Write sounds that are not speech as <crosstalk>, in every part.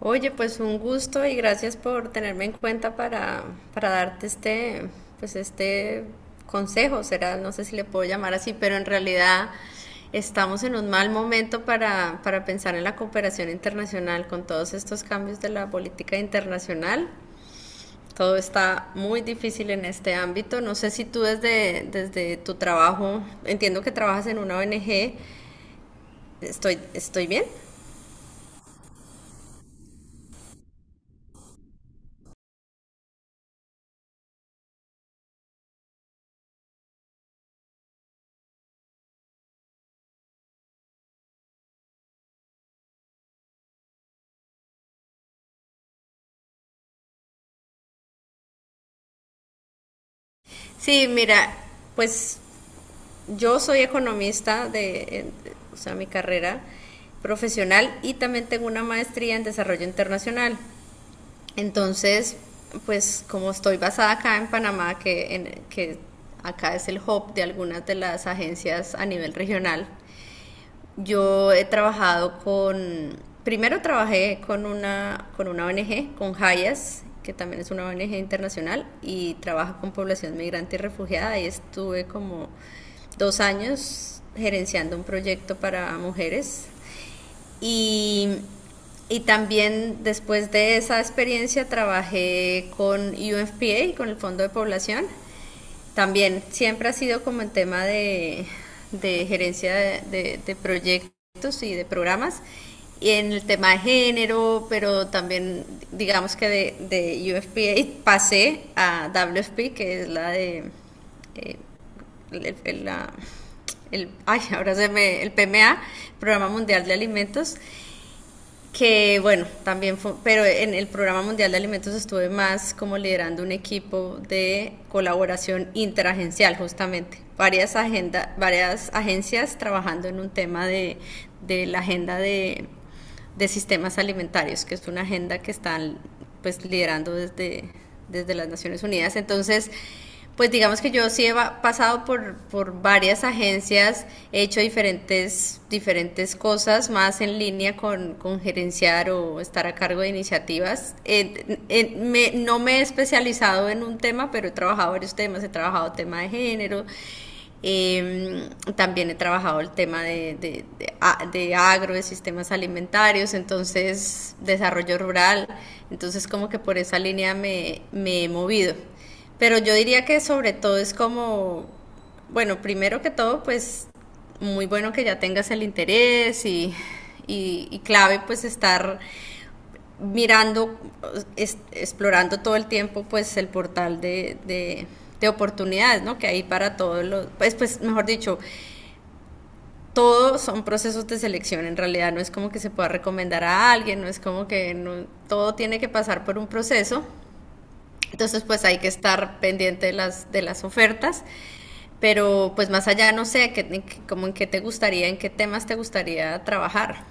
Oye, pues un gusto y gracias por tenerme en cuenta para darte este consejo, será, no sé si le puedo llamar así, pero en realidad estamos en un mal momento para pensar en la cooperación internacional con todos estos cambios de la política internacional. Todo está muy difícil en este ámbito. No sé si tú desde tu trabajo, entiendo que trabajas en una ONG, estoy bien. Sí, mira, pues yo soy economista o sea, mi carrera profesional, y también tengo una maestría en desarrollo internacional. Entonces, pues como estoy basada acá en Panamá, que, en, que acá es el hub de algunas de las agencias a nivel regional, yo he trabajado primero trabajé con una ONG, con Hayas, que también es una ONG internacional y trabaja con población migrante y refugiada. Y estuve como dos años gerenciando un proyecto para mujeres. Y, y también después de esa experiencia trabajé con UNFPA, con el Fondo de Población, también siempre ha sido como el tema de gerencia de proyectos y de programas, y en el tema de género, pero también digamos que de UFPA pasé a WFP, que es la de eh, el, el- la- ahora se me, el PMA, Programa Mundial de Alimentos, que bueno, también fue, pero en el Programa Mundial de Alimentos estuve más como liderando un equipo de colaboración interagencial justamente, varias agencias trabajando en un tema de la agenda de sistemas alimentarios, que es una agenda que está pues liderando desde las Naciones Unidas. Entonces, pues digamos que yo sí he pasado por varias agencias, he hecho diferentes cosas más en línea con gerenciar o estar a cargo de iniciativas. No me he especializado en un tema, pero he trabajado varios temas, he trabajado tema de género, eh, también he trabajado el tema agro, de sistemas alimentarios, entonces desarrollo rural, entonces como que por esa línea me he movido. Pero yo diría que sobre todo es como, bueno, primero que todo, pues muy bueno que ya tengas el interés y clave pues estar mirando, es, explorando todo el tiempo pues el portal de oportunidades, ¿no? Que hay para todos los, pues, pues mejor dicho, todos son procesos de selección en realidad, no es como que se pueda recomendar a alguien, no es como que no, todo tiene que pasar por un proceso, entonces pues hay que estar pendiente de las ofertas, pero pues más allá no sé, como en qué te gustaría, en qué temas te gustaría trabajar.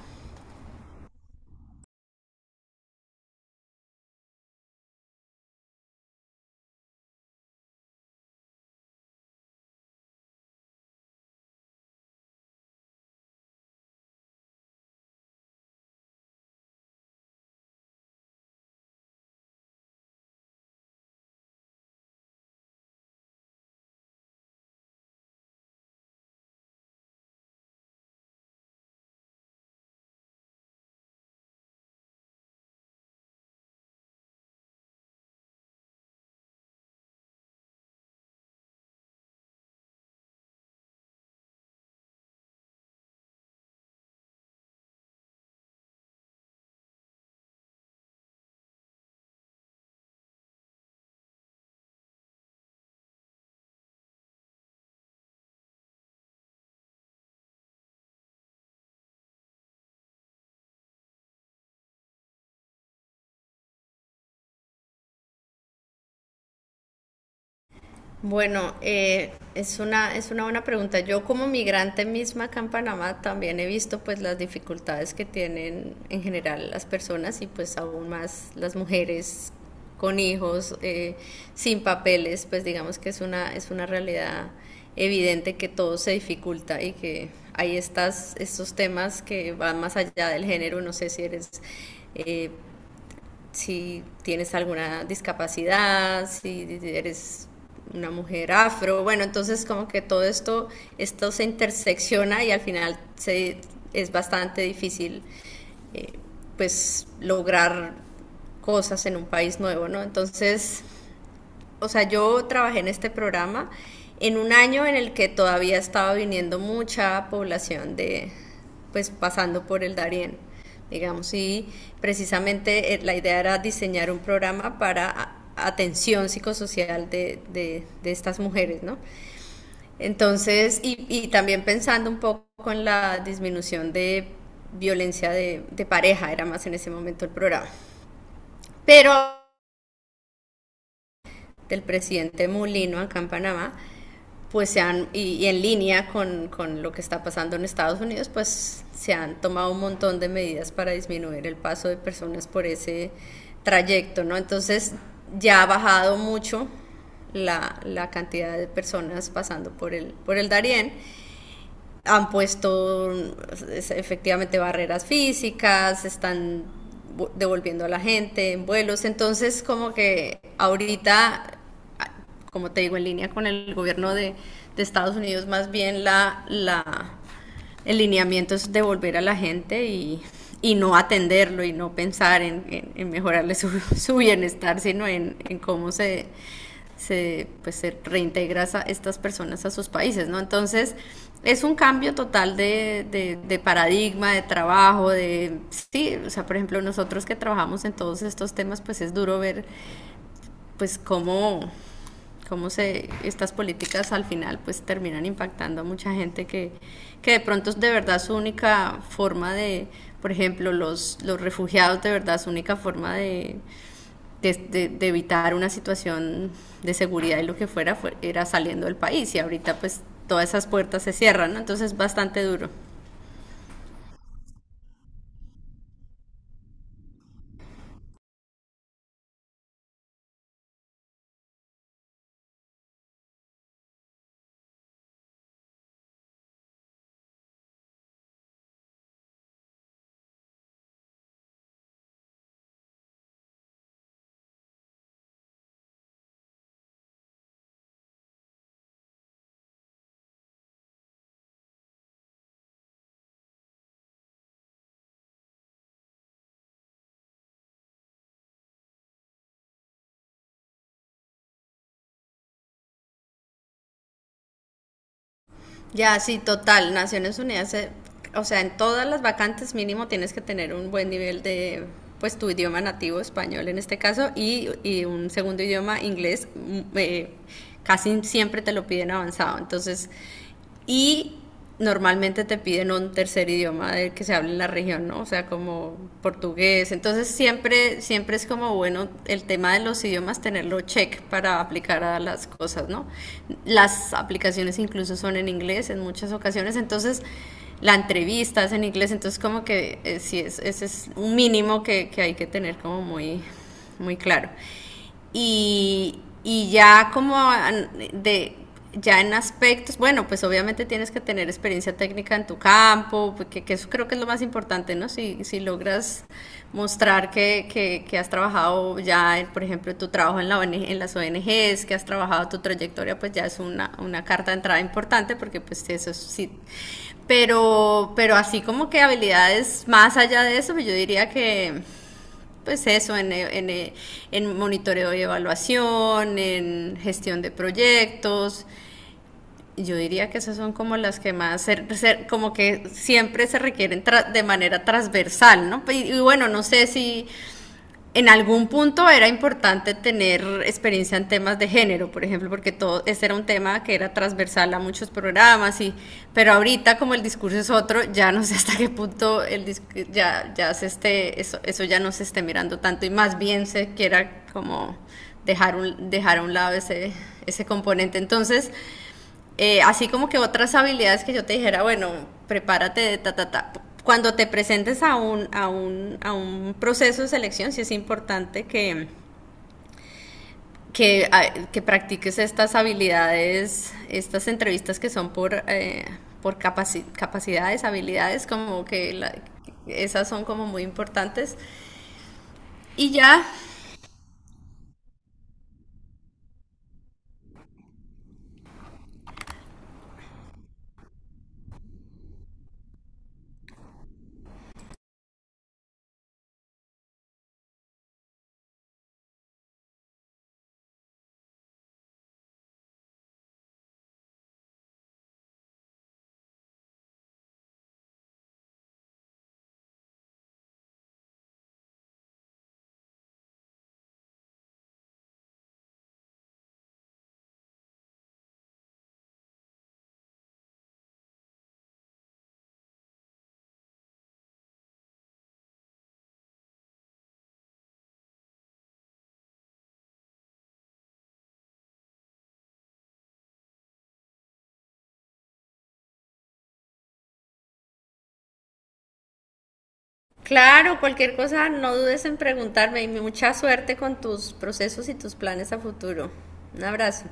Bueno, es una buena pregunta. Yo como migrante misma acá en Panamá también he visto pues las dificultades que tienen en general las personas y pues aún más las mujeres con hijos, sin papeles, pues digamos que es una realidad evidente que todo se dificulta y que hay estas, estos temas que van más allá del género. No sé si eres eh, si tienes alguna discapacidad, si eres una mujer afro, bueno, entonces como que todo esto se intersecciona y al final es bastante difícil eh, pues lograr cosas en un país nuevo, ¿no? Entonces o sea, yo trabajé en este programa en un año en el que todavía estaba viniendo mucha población pues pasando por el Darién, digamos, y precisamente la idea era diseñar un programa para atención psicosocial de estas mujeres, ¿no? Entonces, también pensando un poco en la disminución de violencia de pareja, era más en ese momento el programa. Pero del presidente Mulino acá en Panamá, pues se han, en línea con lo que está pasando en Estados Unidos, pues se han tomado un montón de medidas para disminuir el paso de personas por ese trayecto, ¿no? Entonces ya ha bajado mucho la cantidad de personas pasando por por el Darién. Han puesto efectivamente barreras físicas, están devolviendo a la gente en vuelos, entonces como que ahorita, como te digo, en línea con el gobierno de Estados Unidos, más bien el lineamiento es devolver a la gente y no atenderlo y no pensar en, en mejorarle su, <laughs> su bienestar, sino en cómo pues, se reintegra a estas personas a sus países, ¿no? Entonces, es un cambio total de, de paradigma, de trabajo, de... Sí, o sea, por ejemplo, nosotros que trabajamos en todos estos temas, pues es duro ver pues cómo, estas políticas al final pues terminan impactando a mucha gente que de pronto es de verdad su única forma de, por ejemplo, los refugiados de verdad su única forma de evitar una situación de seguridad y lo que fuera, era saliendo del país, y ahorita pues todas esas puertas se cierran, ¿no? Entonces es bastante duro. Ya, sí, total. Naciones Unidas, o sea, en todas las vacantes mínimo tienes que tener un buen nivel de, pues, tu idioma nativo, español en este caso, y un segundo idioma, inglés, mm, casi siempre te lo piden avanzado. Entonces, y normalmente te piden un tercer idioma del que se hable en la región, ¿no? O sea, como portugués. Entonces siempre, siempre es como bueno el tema de los idiomas tenerlo check para aplicar a las cosas, ¿no? Las aplicaciones incluso son en inglés en muchas ocasiones, entonces la entrevista es en inglés, entonces como que sí es, ese es un mínimo que hay que tener como muy, muy claro. Y, y, y ya como de, ya en aspectos, bueno, pues obviamente tienes que tener experiencia técnica en tu campo, que eso creo que es lo más importante, ¿no? Si logras mostrar que has trabajado ya, en, por ejemplo, tu trabajo en, la ONG, en las ONGs, que has trabajado tu trayectoria, pues ya es una carta de entrada importante, porque pues eso sí. Pero así como que habilidades más allá de eso, pues yo diría que pues eso, en monitoreo y evaluación, en gestión de proyectos. Yo diría que esas son como las que más, como que siempre se requieren de manera transversal, ¿no? Y, bueno, no sé si en algún punto era importante tener experiencia en temas de género, por ejemplo, porque todo ese era un tema que era transversal a muchos programas, y pero ahorita como el discurso es otro, ya no sé <laughs> hasta qué punto el ya ya se esté eso, eso ya no se esté mirando tanto y más bien se quiera como dejar a un lado ese componente. Entonces, así como que otras habilidades que yo te dijera, bueno, prepárate de ta, ta, ta. Cuando te presentes a a un proceso de selección, sí es importante que practiques estas habilidades, estas entrevistas que son por capacidades, habilidades, como que esas son como muy importantes. Y ya, claro, cualquier cosa, no dudes en preguntarme y mucha suerte con tus procesos y tus planes a futuro. Un abrazo.